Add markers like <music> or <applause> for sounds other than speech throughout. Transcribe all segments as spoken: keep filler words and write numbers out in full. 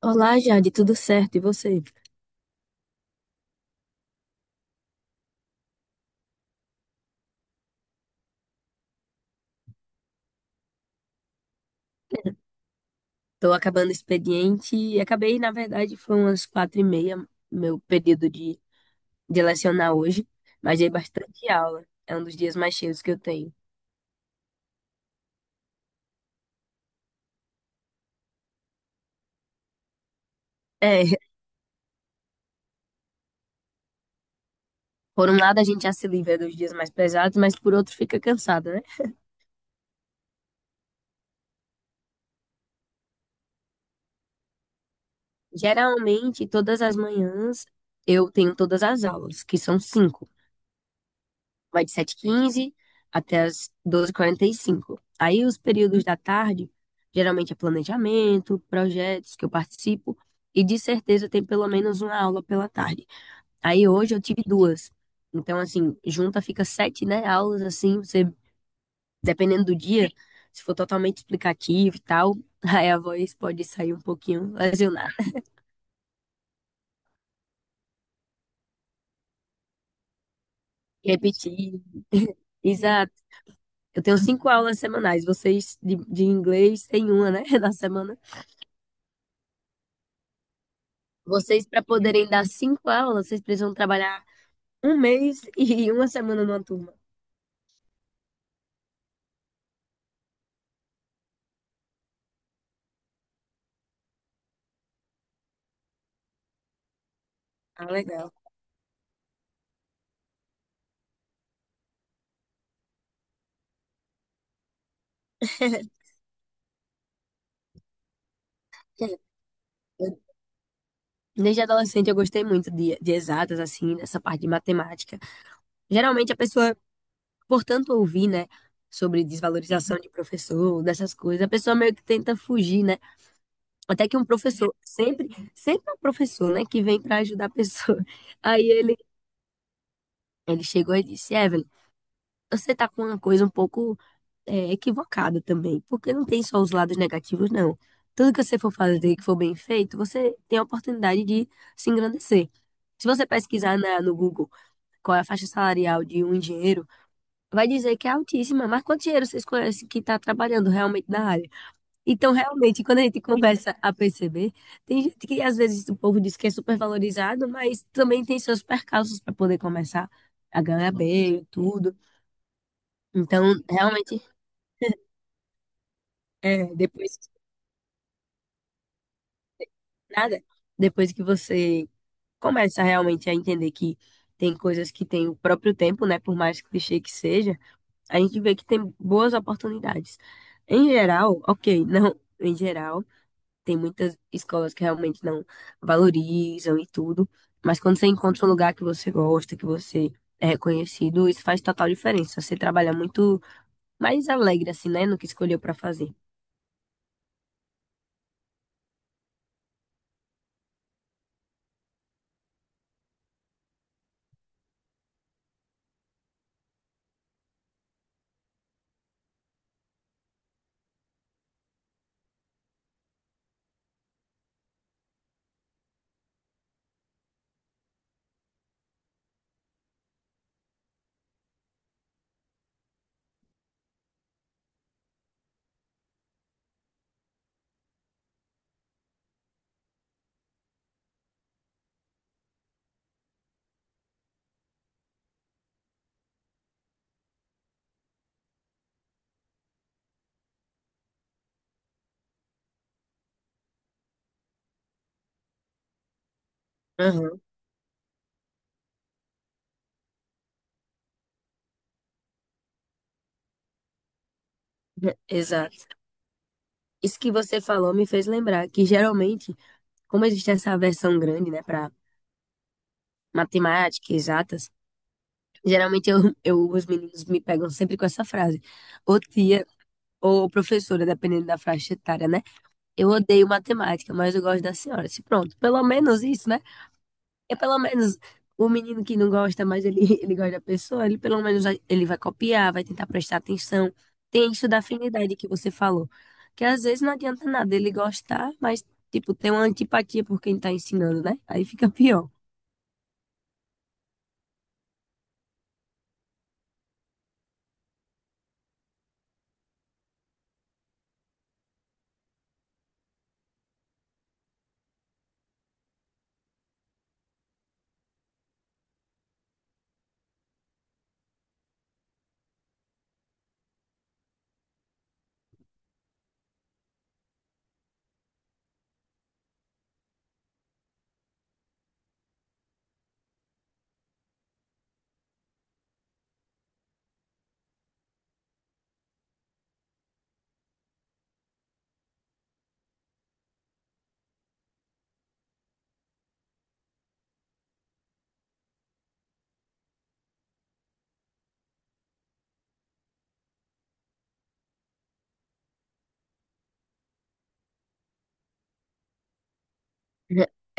Olá, Jade, tudo certo? E você? Estou acabando o expediente e acabei, na verdade, foi umas quatro e meia, meu período de, de lecionar hoje, mas dei bastante aula. É um dos dias mais cheios que eu tenho. É, por um lado a gente já se livra dos dias mais pesados, mas por outro fica cansado, né? Geralmente, todas as manhãs eu tenho todas as aulas, que são cinco. Vai de sete e quinze até as doze e quarenta e cinco. Aí os períodos da tarde, geralmente é planejamento, projetos que eu participo, e de certeza tem pelo menos uma aula pela tarde. Aí hoje eu tive duas. Então, assim, junta fica sete, né, aulas, assim, você, dependendo do dia, se for totalmente explicativo e tal, <laughs> aí a voz pode sair um pouquinho lesionada. Repetir. Exato. Eu tenho cinco aulas semanais. Vocês de, de inglês têm uma, né, <laughs> na semana. Vocês, para poderem dar cinco aulas, vocês precisam trabalhar um mês e <laughs> uma semana numa turma. Ah, legal. <laughs> Eu- Desde adolescente eu gostei muito de, de exatas, assim, nessa parte de matemática. Geralmente a pessoa, por tanto ouvir, né, sobre desvalorização de professor, dessas coisas, a pessoa meio que tenta fugir, né? Até que um professor, sempre, sempre é um professor, né, que vem para ajudar a pessoa. <laughs> Aí ele, ele chegou e disse, Evelyn, você tá com uma coisa um pouco é, equivocada também, porque não tem só os lados negativos, não. Tudo que você for fazer que for bem feito, você tem a oportunidade de se engrandecer. Se você pesquisar na- no Google qual é a faixa salarial de um engenheiro, vai dizer que é altíssima, mas quantos engenheiros vocês conhecem que está trabalhando realmente na área? Então, realmente, quando a gente começa a perceber, tem gente que às vezes o povo diz que é supervalorizado, mas também tem seus percalços para poder começar a ganhar bem e tudo. Então, realmente, é, depois. Nada. Depois que você começa realmente a entender que tem coisas que têm o próprio tempo, né? Por mais clichê que seja, a gente vê que tem boas oportunidades. Em geral, ok, não, em geral, tem muitas escolas que realmente não valorizam e tudo, mas quando você encontra um lugar que você gosta, que você é reconhecido, isso faz total diferença. Você trabalha muito mais alegre, assim, né? No que escolheu para fazer. Aham, exato. Isso que você falou me fez lembrar que geralmente como existe essa aversão grande, né, para matemática, exatas, geralmente eu, eu, os meninos me pegam sempre com essa frase. Ô tia, ou professora, dependendo da faixa etária, né? Eu odeio matemática, mas eu gosto da senhora. Se pronto, pelo menos isso, né? É pelo menos o menino que não gosta, mas ele, <laughs> ele gosta da pessoa, ele pelo menos vai- ele vai copiar, vai tentar prestar atenção. Tem isso da afinidade que você falou, que às vezes não adianta nada ele gostar, mas tipo, tem uma antipatia por quem tá ensinando, né? Aí fica pior.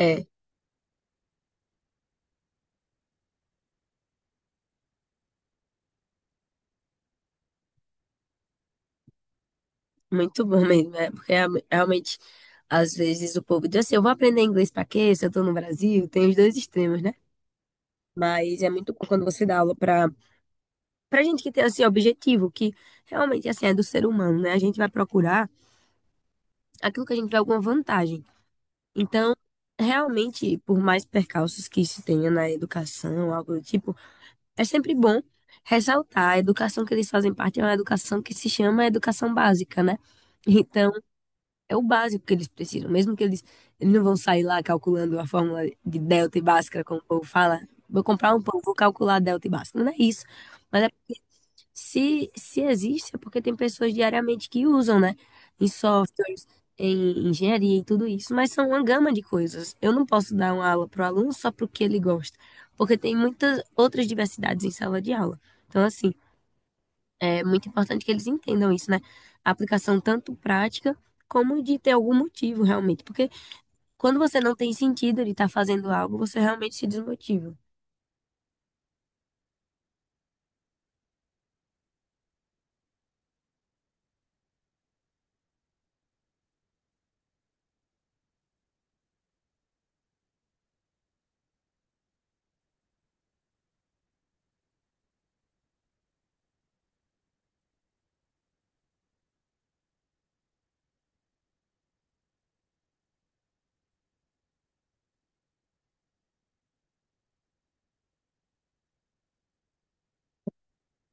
É, muito bom mesmo, é, porque real- realmente, às vezes o povo diz assim, eu vou aprender inglês pra quê? Se eu tô no Brasil, tem os dois extremos, né? Mas é muito bom quando você dá aula pra, pra gente que tem, assim, objetivo, que realmente, assim, é do ser humano, né? A gente vai procurar aquilo que a gente vê alguma vantagem. Então, realmente, por mais percalços que se tenha na educação, algo do tipo, é sempre bom ressaltar, a educação que eles fazem parte é uma educação que se chama educação básica, né? Então, é o básico que eles precisam. Mesmo que eles, eles não vão sair lá calculando a fórmula de delta e bhaskara, como o povo fala. Vou comprar um pão, vou calcular delta e bhaskara. Não é isso. Mas é porque se, se existe, é porque tem pessoas diariamente que usam, né? Em softwares, em engenharia e tudo isso. Mas são uma gama de coisas. Eu não posso dar uma aula para o aluno só porque ele gosta. Porque tem muitas outras diversidades em sala de aula. Então, assim, é muito importante que eles entendam isso, né? A aplicação tanto prática como de ter algum motivo realmente. Porque quando você não tem sentido de estar fazendo algo, você realmente se desmotiva.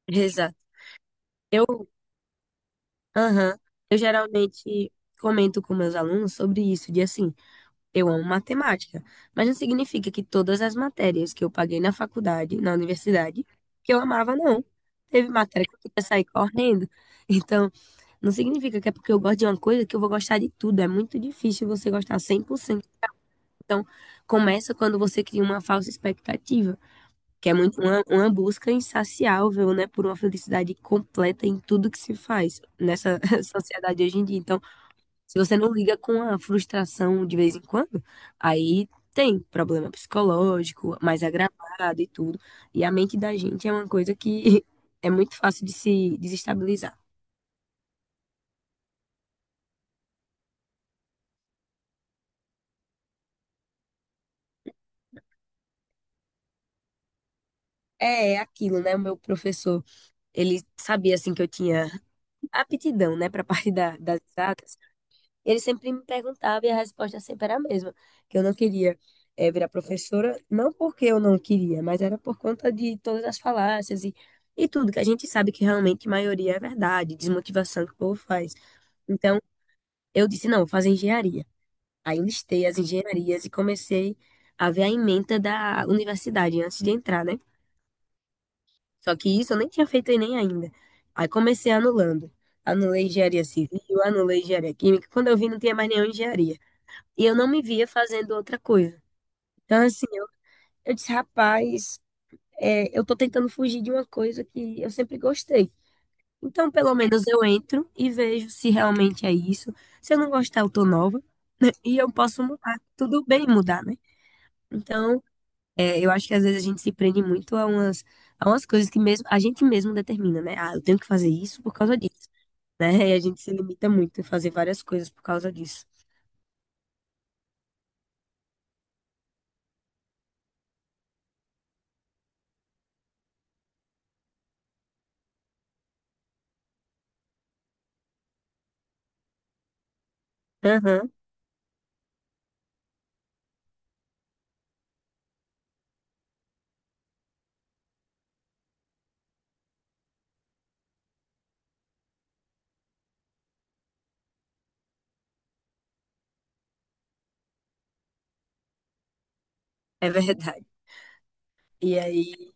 Exato. Eu, aham, eu geralmente comento com meus alunos sobre isso, de assim, eu amo matemática, mas não significa que todas as matérias que eu paguei na faculdade, na universidade, que eu amava, não. Teve matéria que eu queria sair correndo. Então, não significa que é porque eu gosto de uma coisa que eu vou gostar de tudo. É muito difícil você gostar cem por cento. Então, começa quando você cria uma falsa expectativa, que é muito uma, uma busca insaciável, né, por uma felicidade completa em tudo que se faz nessa <laughs> sociedade hoje em dia. Então, se você não liga com a frustração de vez em quando, aí tem problema psicológico, mais agravado e tudo. E a mente da gente é uma coisa que <laughs> é muito fácil de se desestabilizar. É, é aquilo, né? O meu professor ele sabia, assim, que eu tinha aptidão, né, para a parte da- das exatas. Ele sempre me perguntava e a resposta sempre era a mesma, que eu não queria eh, virar professora, não porque eu não queria, mas era por conta de todas as falácias e, e tudo, que a gente sabe que realmente a maioria é verdade, desmotivação que o povo faz. Então, eu disse, não, vou fazer engenharia. Aí eu listei as engenharias e comecei a ver a ementa da universidade antes de entrar, né? Só que isso eu nem tinha feito Enem ainda. Aí comecei anulando. Anulei engenharia civil, anulei engenharia química. Quando eu vi, não tinha mais nenhuma engenharia. E eu não me via fazendo outra coisa. Então, assim, eu, eu disse, rapaz, é, eu tô tentando fugir de uma coisa que eu sempre gostei. Então, pelo menos eu entro e vejo se realmente é isso. Se eu não gostar, eu tô nova. né? E eu posso mudar. Tudo bem mudar, né? Então, é, eu acho que às vezes a gente se prende muito a umas, a umas coisas que mesmo a gente mesmo determina, né? Ah, eu tenho que fazer isso por causa disso, né? <laughs> E a gente se limita muito a fazer várias coisas por causa disso. Aham, é verdade. E aí,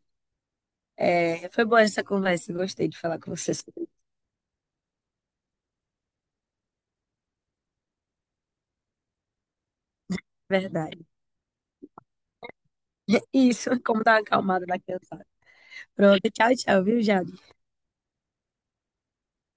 é, foi boa essa conversa, eu gostei de falar com você sobre verdade. <laughs> Isso, como dar uma acalmada na criançada. Pronto, tchau, tchau, viu, Jade?